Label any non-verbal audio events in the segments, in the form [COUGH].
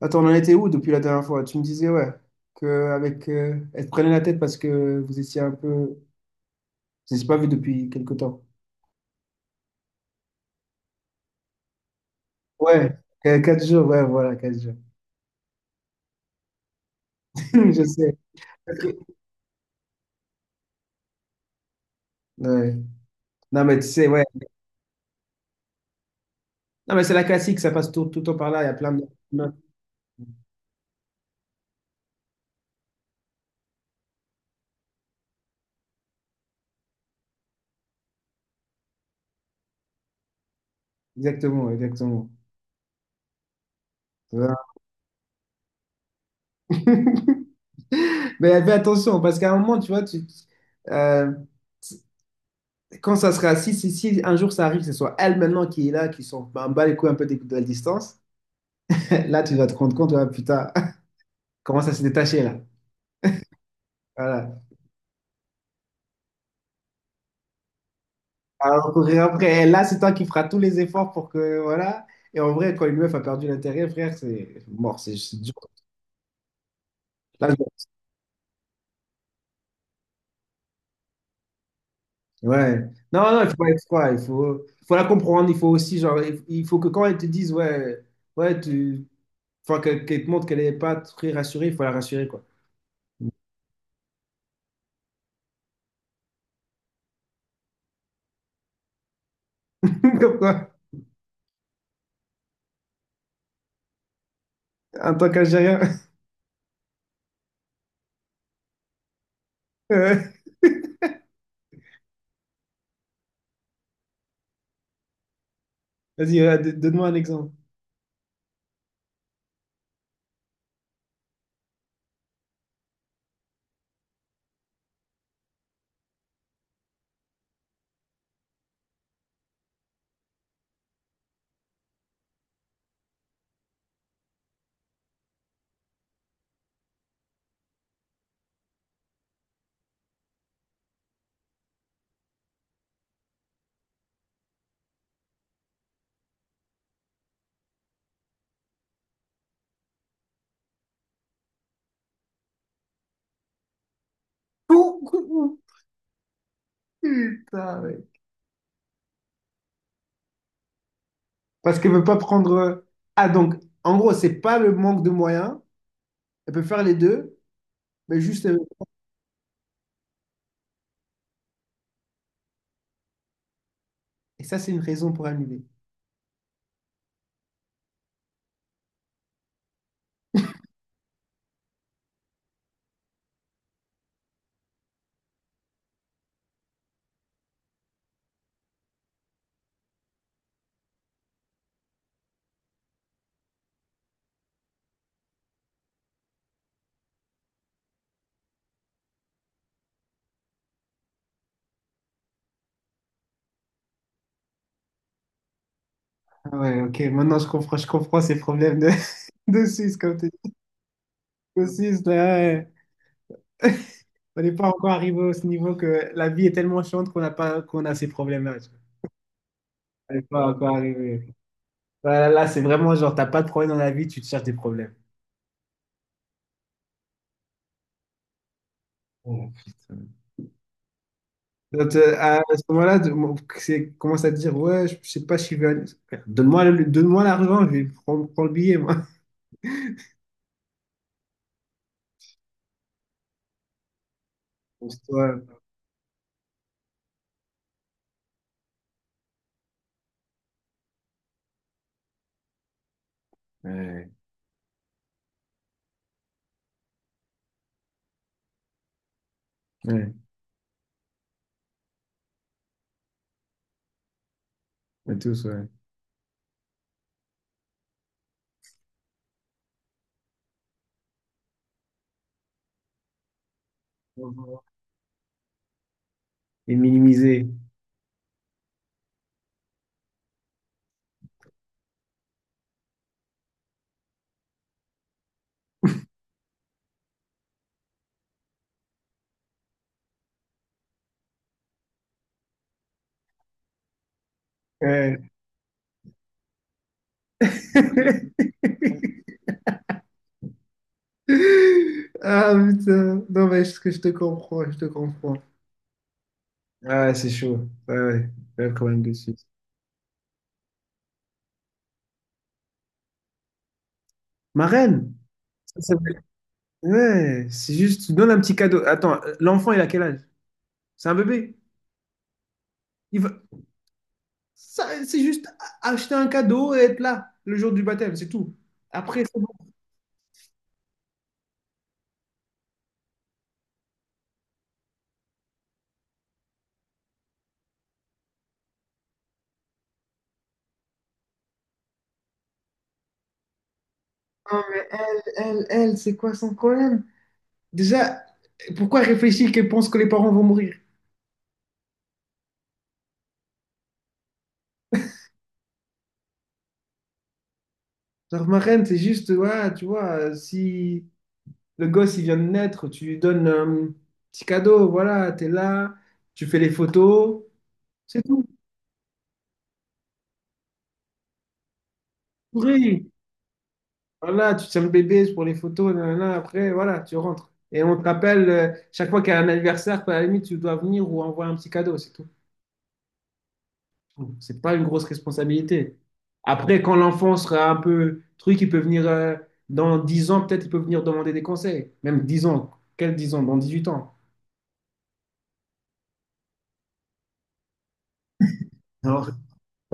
Attends, on en était où depuis la dernière fois? Tu me disais, ouais, que avec, elle te prenait la tête parce que vous étiez un peu... Vous n'étiez pas vu depuis quelque temps. Ouais, quatre jours, ouais, voilà, 4 jours. [LAUGHS] Je sais. Ok. Ouais. Non, mais tu sais, ouais. Non, mais c'est la classique, ça passe tout, tout le temps par là, il y a plein de... Exactement, exactement. Voilà. [LAUGHS] Mais fais attention, parce qu'à un moment, tu vois, euh, quand ça sera, si un jour ça arrive, que ce soit elle maintenant qui est là, qui s'en bat les couilles un peu de la distance, [LAUGHS] là, tu vas te rendre compte, ouais, putain. Commence à se détacher là. Voilà. À recourir après. Et là, c'est toi qui feras tous les efforts pour que. Voilà. Et en vrai, quand une meuf a perdu l'intérêt, frère, c'est mort. C'est dur. Là, je- ouais. Non, non, il faut pas être froid. Il faut la comprendre. Il faut aussi, genre, il faut que quand elle te dise, ouais, ouais, tu. Enfin, qu'elle te montre qu'elle n'est pas très rassurée, il faut la rassurer, quoi. [LAUGHS] Comme quoi, en tant qu'Algérien. [LAUGHS] Ouais. Vas-y, donne-moi un exemple. [LAUGHS] Putain, ouais. Parce qu'elle veut pas prendre. Ah, donc, en gros, c'est pas le manque de moyens. Elle peut faire les deux, mais juste. Et ça, c'est une raison pour annuler. Ah ouais, ok. Maintenant, je comprends ces problèmes de, [LAUGHS] de Suisse, comme tu dis. Au Suisse, là, ouais, on n'est pas encore arrivé à ce niveau que la vie est tellement chiante qu'on n'a pas, qu'on a ces problèmes-là. Tu vois. On n'est pas encore arrivé. Là, c'est vraiment genre, t'as pas de problème dans la vie, tu te cherches des problèmes. Oh, putain. Donc, à ce moment-là, commence à dire, ouais, je sais pas si je vais aller. Frère, donne-moi l'argent, je vais prendre le billet, moi. [LAUGHS] Pense-toi. Ouais, ouais, on tous, ouais. Et minimiser. Ouais. [LAUGHS] Ah putain, non mais je te comprends, je te comprends. Ah ouais, c'est chaud, ouais, ouais, ouais, quand même dessus. Ma reine, ça, ça veut- ouais, c'est juste, tu donnes un petit cadeau. Attends, l'enfant il a quel âge? C'est un bébé? Il va- ça, c'est juste acheter un cadeau et être là le jour du baptême, c'est tout. Après, c'est bon. Non, mais elle, c'est quoi son problème? Déjà, pourquoi réfléchir qu'elle pense que les parents vont mourir? Genre, ma reine, c'est juste, ouais, tu vois, si le gosse, il vient de naître, tu lui donnes un petit cadeau, voilà, t'es là, tu fais les photos, c'est tout. Oui. Voilà, tu tiens le bébé pour les photos, nanana, après, voilà, tu rentres. Et on te rappelle, chaque fois qu'il y a un anniversaire, à la limite, tu dois venir ou envoyer un petit cadeau, c'est tout. C'est pas une grosse responsabilité. Après, quand l'enfant sera un peu truc, il peut venir dans 10 ans, peut-être il peut venir demander des conseils. Même 10 ans. Quel 10 ans? Dans 18 ans. Alors,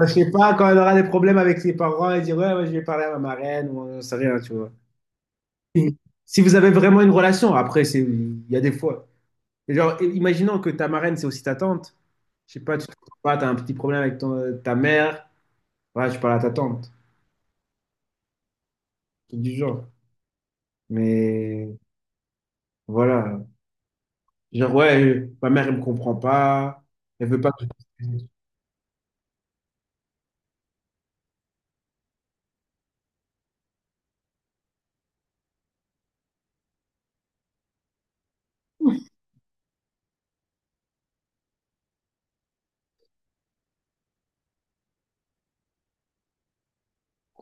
je sais pas, quand elle aura des problèmes avec ses parents, elle dit ouais, ouais, je vais parler à ma marraine, ou on sait rien, tu vois. Et si vous avez vraiment une relation, après, c'est, il y a des fois. Et genre, et imaginons que ta marraine, c'est aussi ta tante. Je sais pas, tu as un petit problème avec ta mère. Ouais, je parle à ta tante. Truc du genre. Mais voilà. Genre, ouais, ma mère, elle me comprend pas. Elle veut pas que je...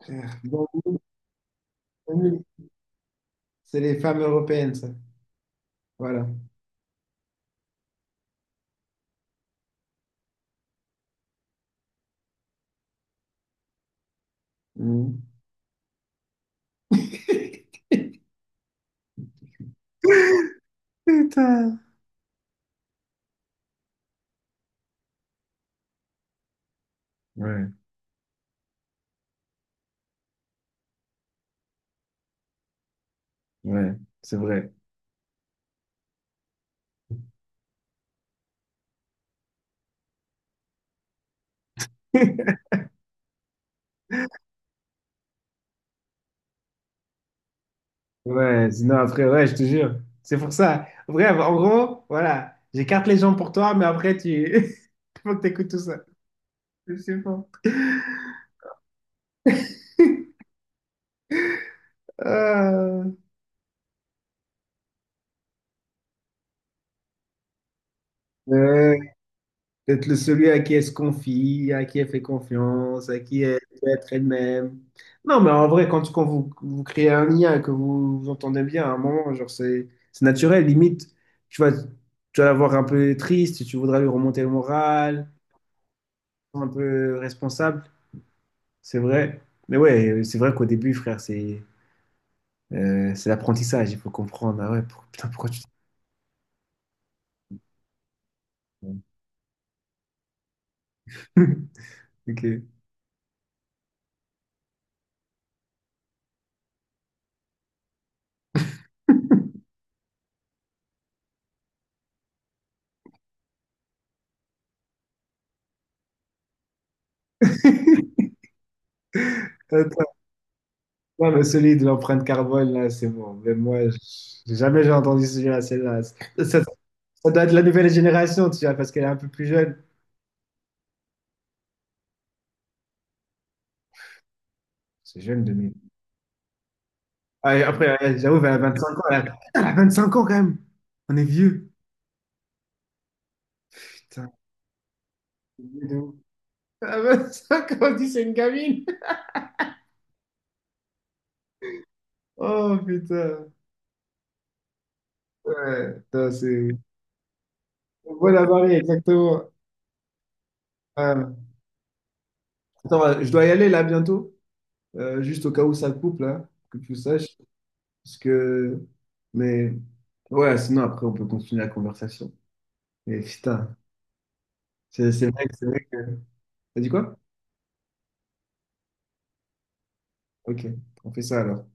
Frère, bon, oui, oui. C'est les femmes européennes, ça. Voilà. Mhm. Putain. Ouais, ouais, c'est vrai. [LAUGHS] Ouais, sinon après, ouais, je te jure. C'est pour ça. Bref, en gros, voilà. J'écarte les gens pour toi, mais après, tu... [LAUGHS] Faut que t'écoutes tout ça. Je sais pas. Ah. Euh, D'être celui à qui elle se confie, à qui elle fait confiance, à qui elle peut être elle-même. Non, mais en vrai, quand vous, vous créez un lien, que vous vous entendez bien à un moment, genre c'est naturel. Limite, tu vas la voir un peu triste, tu voudras lui remonter le moral, un peu responsable. C'est vrai. Mais ouais, c'est vrai qu'au début, frère, c'est l'apprentissage. Il faut comprendre. Ah ouais, putain, pourquoi tu... [LAUGHS] Ok. [LAUGHS] Non, mais celui de l'empreinte carbone, là, c'est bon. Mais j'ai jamais j'ai entendu celle-là. Ça doit être la nouvelle génération, tu vois, parce qu'elle est un peu plus jeune. C'est jeune, 2000. Ah, et après, ouais, j'avoue, elle a 25 ans. Elle a 25 ans, quand même. On est vieux. Putain, on est vieux de ouf. Elle a 25 ans, on dit c'est une gamine. Oh, putain. Ouais, putain, c'est... Voilà, Marie, exactement. Ouais. Attends, je dois y aller, là, bientôt. Juste au cas où ça coupe, là, que tu saches. Parce que, mais ouais, sinon après on peut continuer la conversation. Mais putain, c'est vrai, c'est vrai que. T'as dit quoi? Ok, on fait ça alors.